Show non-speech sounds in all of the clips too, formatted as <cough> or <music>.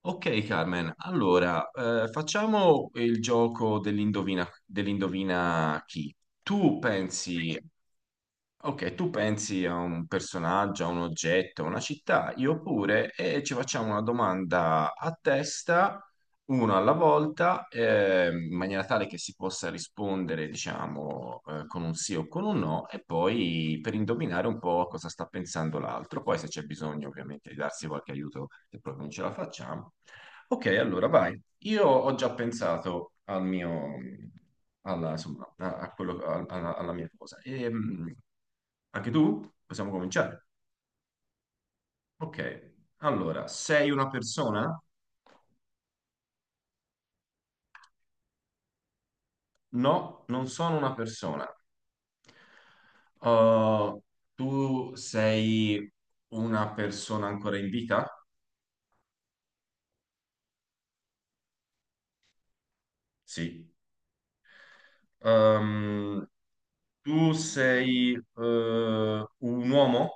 Ok, Carmen, allora facciamo il gioco dell'indovina chi. Tu pensi, ok, tu pensi a un personaggio, a un oggetto, a una città, io pure, e ci facciamo una domanda a testa, uno alla volta, in maniera tale che si possa rispondere, diciamo, con un sì o con un no, e poi per indovinare un po' cosa sta pensando l'altro. Poi se c'è bisogno, ovviamente, di darsi qualche aiuto, se proprio non ce la facciamo. Ok, allora vai. Io ho già pensato al mio, alla, insomma, a quello, alla mia cosa. E, anche tu? Possiamo cominciare? Ok, allora, sei una persona? No, non sono una persona. Uh, tu sei una persona ancora in vita? Sì. Um, tu sei un uomo?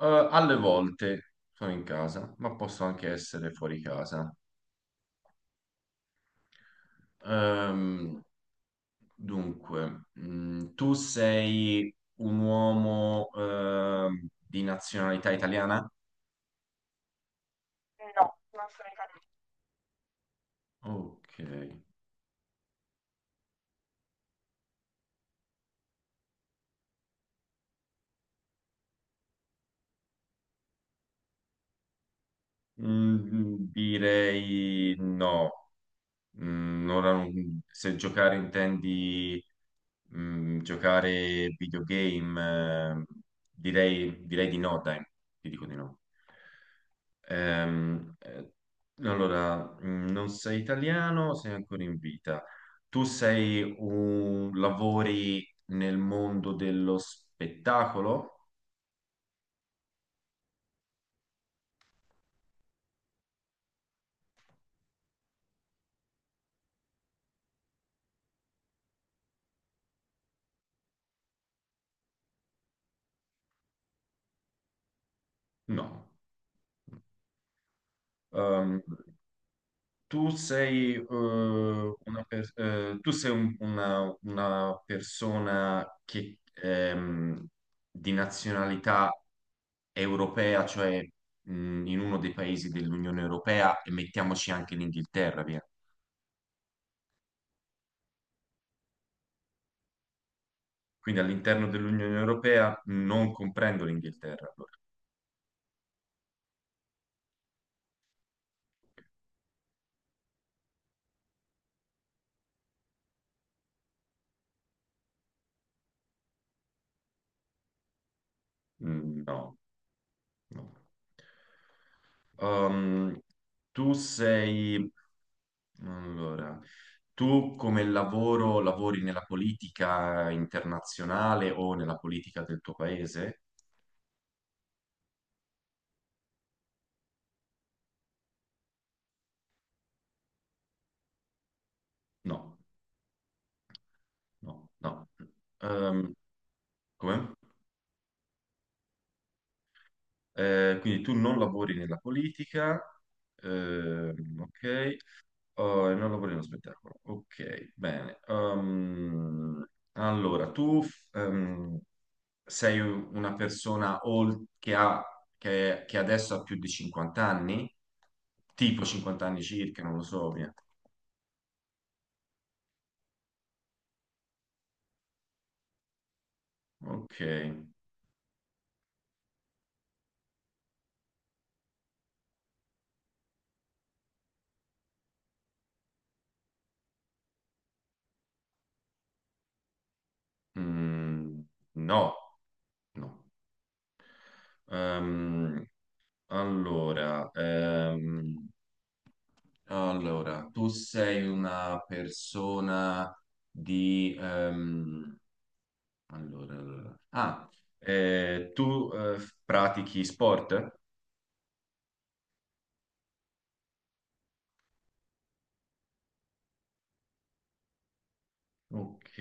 Alle volte sono in casa, ma posso anche essere fuori casa. Ehm, dunque, mm, tu sei un uomo, di nazionalità italiana? No, non sono italiana. Ok. Mm, direi no. Mm, ora non- se giocare intendi mm, giocare videogame, direi di no, dai, ti dico di no. Ehm, eh, allora, non sei italiano, sei ancora in vita. Lavori nel mondo dello spettacolo? No. Ehm, una persona che, di nazionalità europea, cioè, in uno dei paesi dell'Unione Europea, e mettiamoci anche l'Inghilterra, via. Quindi all'interno dell'Unione Europea non comprendo l'Inghilterra, allora. Mm, no, no. Um, tu sei... Allora, tu come lavoro lavori nella politica internazionale o nella politica del tuo paese? No, no, no. Um, come? Quindi tu non lavori nella politica, ok. Oh, è un capolino spettacolo. Ok, bene. Allora, sei che ha, che adesso ha più di 50 anni? Tipo 50 anni circa, non lo so, via. Ok. Mm, no, no. Ehm, allora, ehm, allora, tu sei una persona di... Ah, tu pratichi sport? Ok.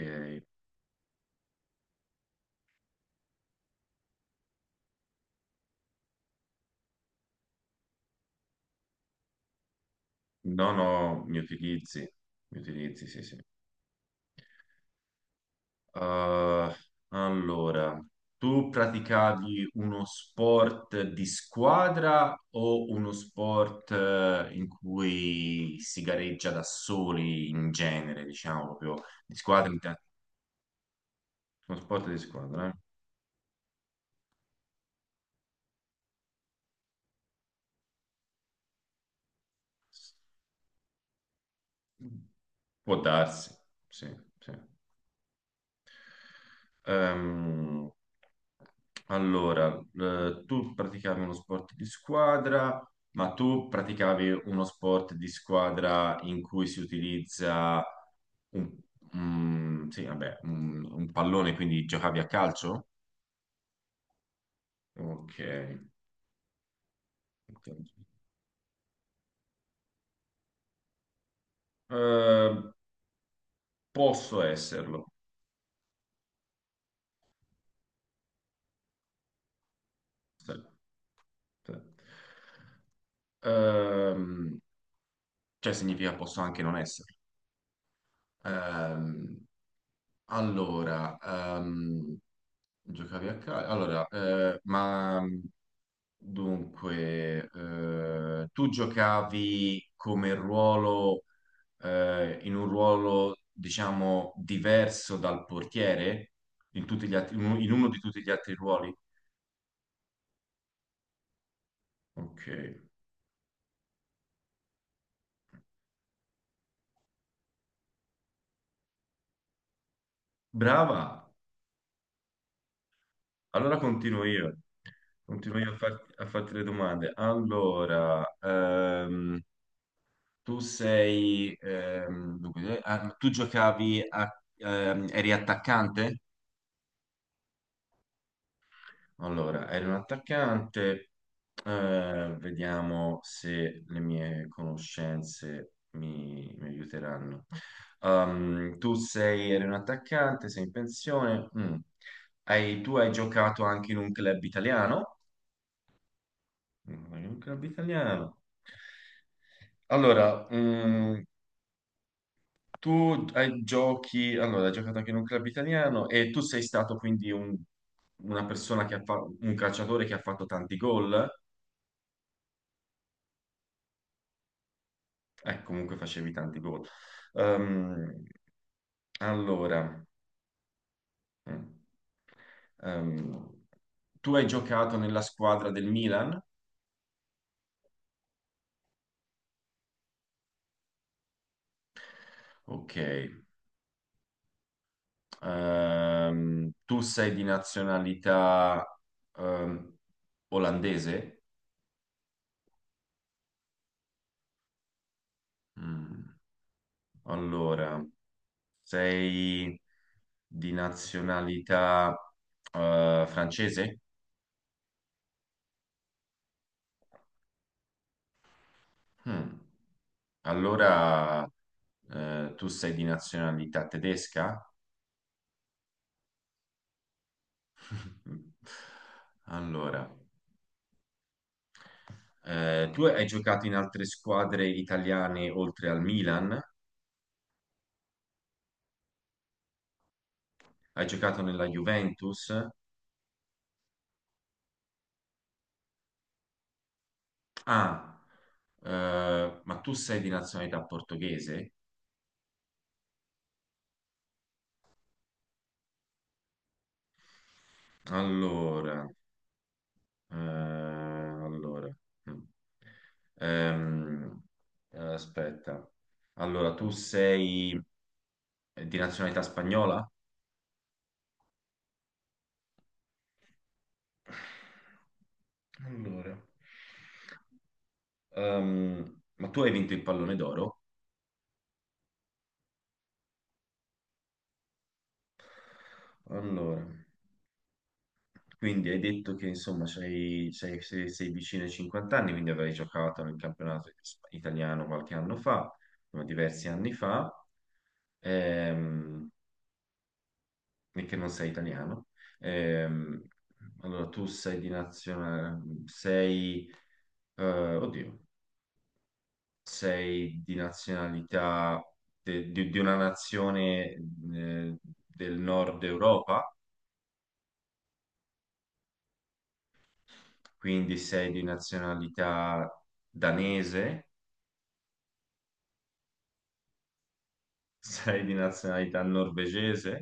No, no, mi utilizzi. Mi utilizzi, sì, sì. Uh, allora, tu praticavi uno sport di squadra o uno sport in cui si gareggia da soli in genere, diciamo proprio di squadra? Uno sport di squadra, eh? Può darsi, sì, sì. Ehm, allora, tu praticavi uno sport di squadra, ma tu praticavi uno sport di squadra in cui si utilizza un, mm, sì, vabbè, un pallone, quindi giocavi a calcio? Ok. Ok. Eh, posso esserlo. Sì, sì. Ehm, cioè significa posso anche non esserlo. Ehm, Allora, ehm, giocavi a calcio? Allora, ma dunque, tu giocavi come ruolo, in un ruolo, diciamo, diverso dal portiere? In uno di tutti gli altri ruoli? Ok, brava. Allora continuo io. Continuo io a, a farti le domande. Tu sei, dunque, ah, tu giocavi a, eri attaccante? Allora, eri un attaccante. Vediamo se le mie conoscenze mi aiuteranno. Eri un attaccante, sei in pensione. Mm. Tu hai giocato anche in un club italiano? Mm, in un club italiano. Allora, mm, Tu hai giocato anche in un club italiano e tu sei stato quindi una persona che ha fatto, un calciatore che ha fatto tanti gol? Comunque facevi tanti gol. Ehm, allora, mm, ehm, tu hai giocato nella squadra del Milan? Ok. Tu sei di nazionalità, ehm, olandese? Mm, allora. Sei di nazionalità francese? Hmm. Allora tu sei di nazionalità tedesca? <laughs> Allora, tu hai giocato in altre squadre italiane oltre al Milan? Hai giocato nella Juventus? Ah, ma tu sei di nazionalità portoghese? Allora. Eh, allora, mm. Ehm, aspetta. Allora, tu sei di nazionalità spagnola? Allora. Ma tu hai vinto il pallone d'oro? Allora, quindi hai detto che insomma sei vicino ai 50 anni, quindi avrai giocato nel campionato italiano qualche anno fa, no, diversi anni fa. Ehm, e che non sei italiano. Ehm, allora, tu sei di nazionalità, sei, eh, oddio, sei di nazionalità di una nazione eh, del nord Europa, quindi sei di nazionalità danese, <laughs> sei di nazionalità norvegese,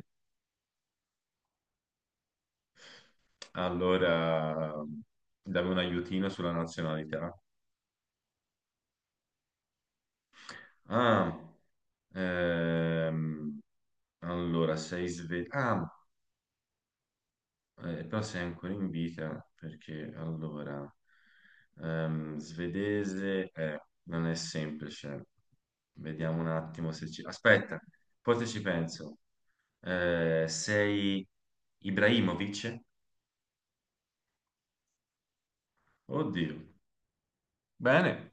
allora dammi un aiutino sulla nazionalità. Ah, ehm, allora sei svedese. Però sei ancora in vita perché allora svedese non è semplice. Vediamo un attimo se ci... Aspetta, poi te ci penso. Sei Ibrahimovic? Oddio. Bene.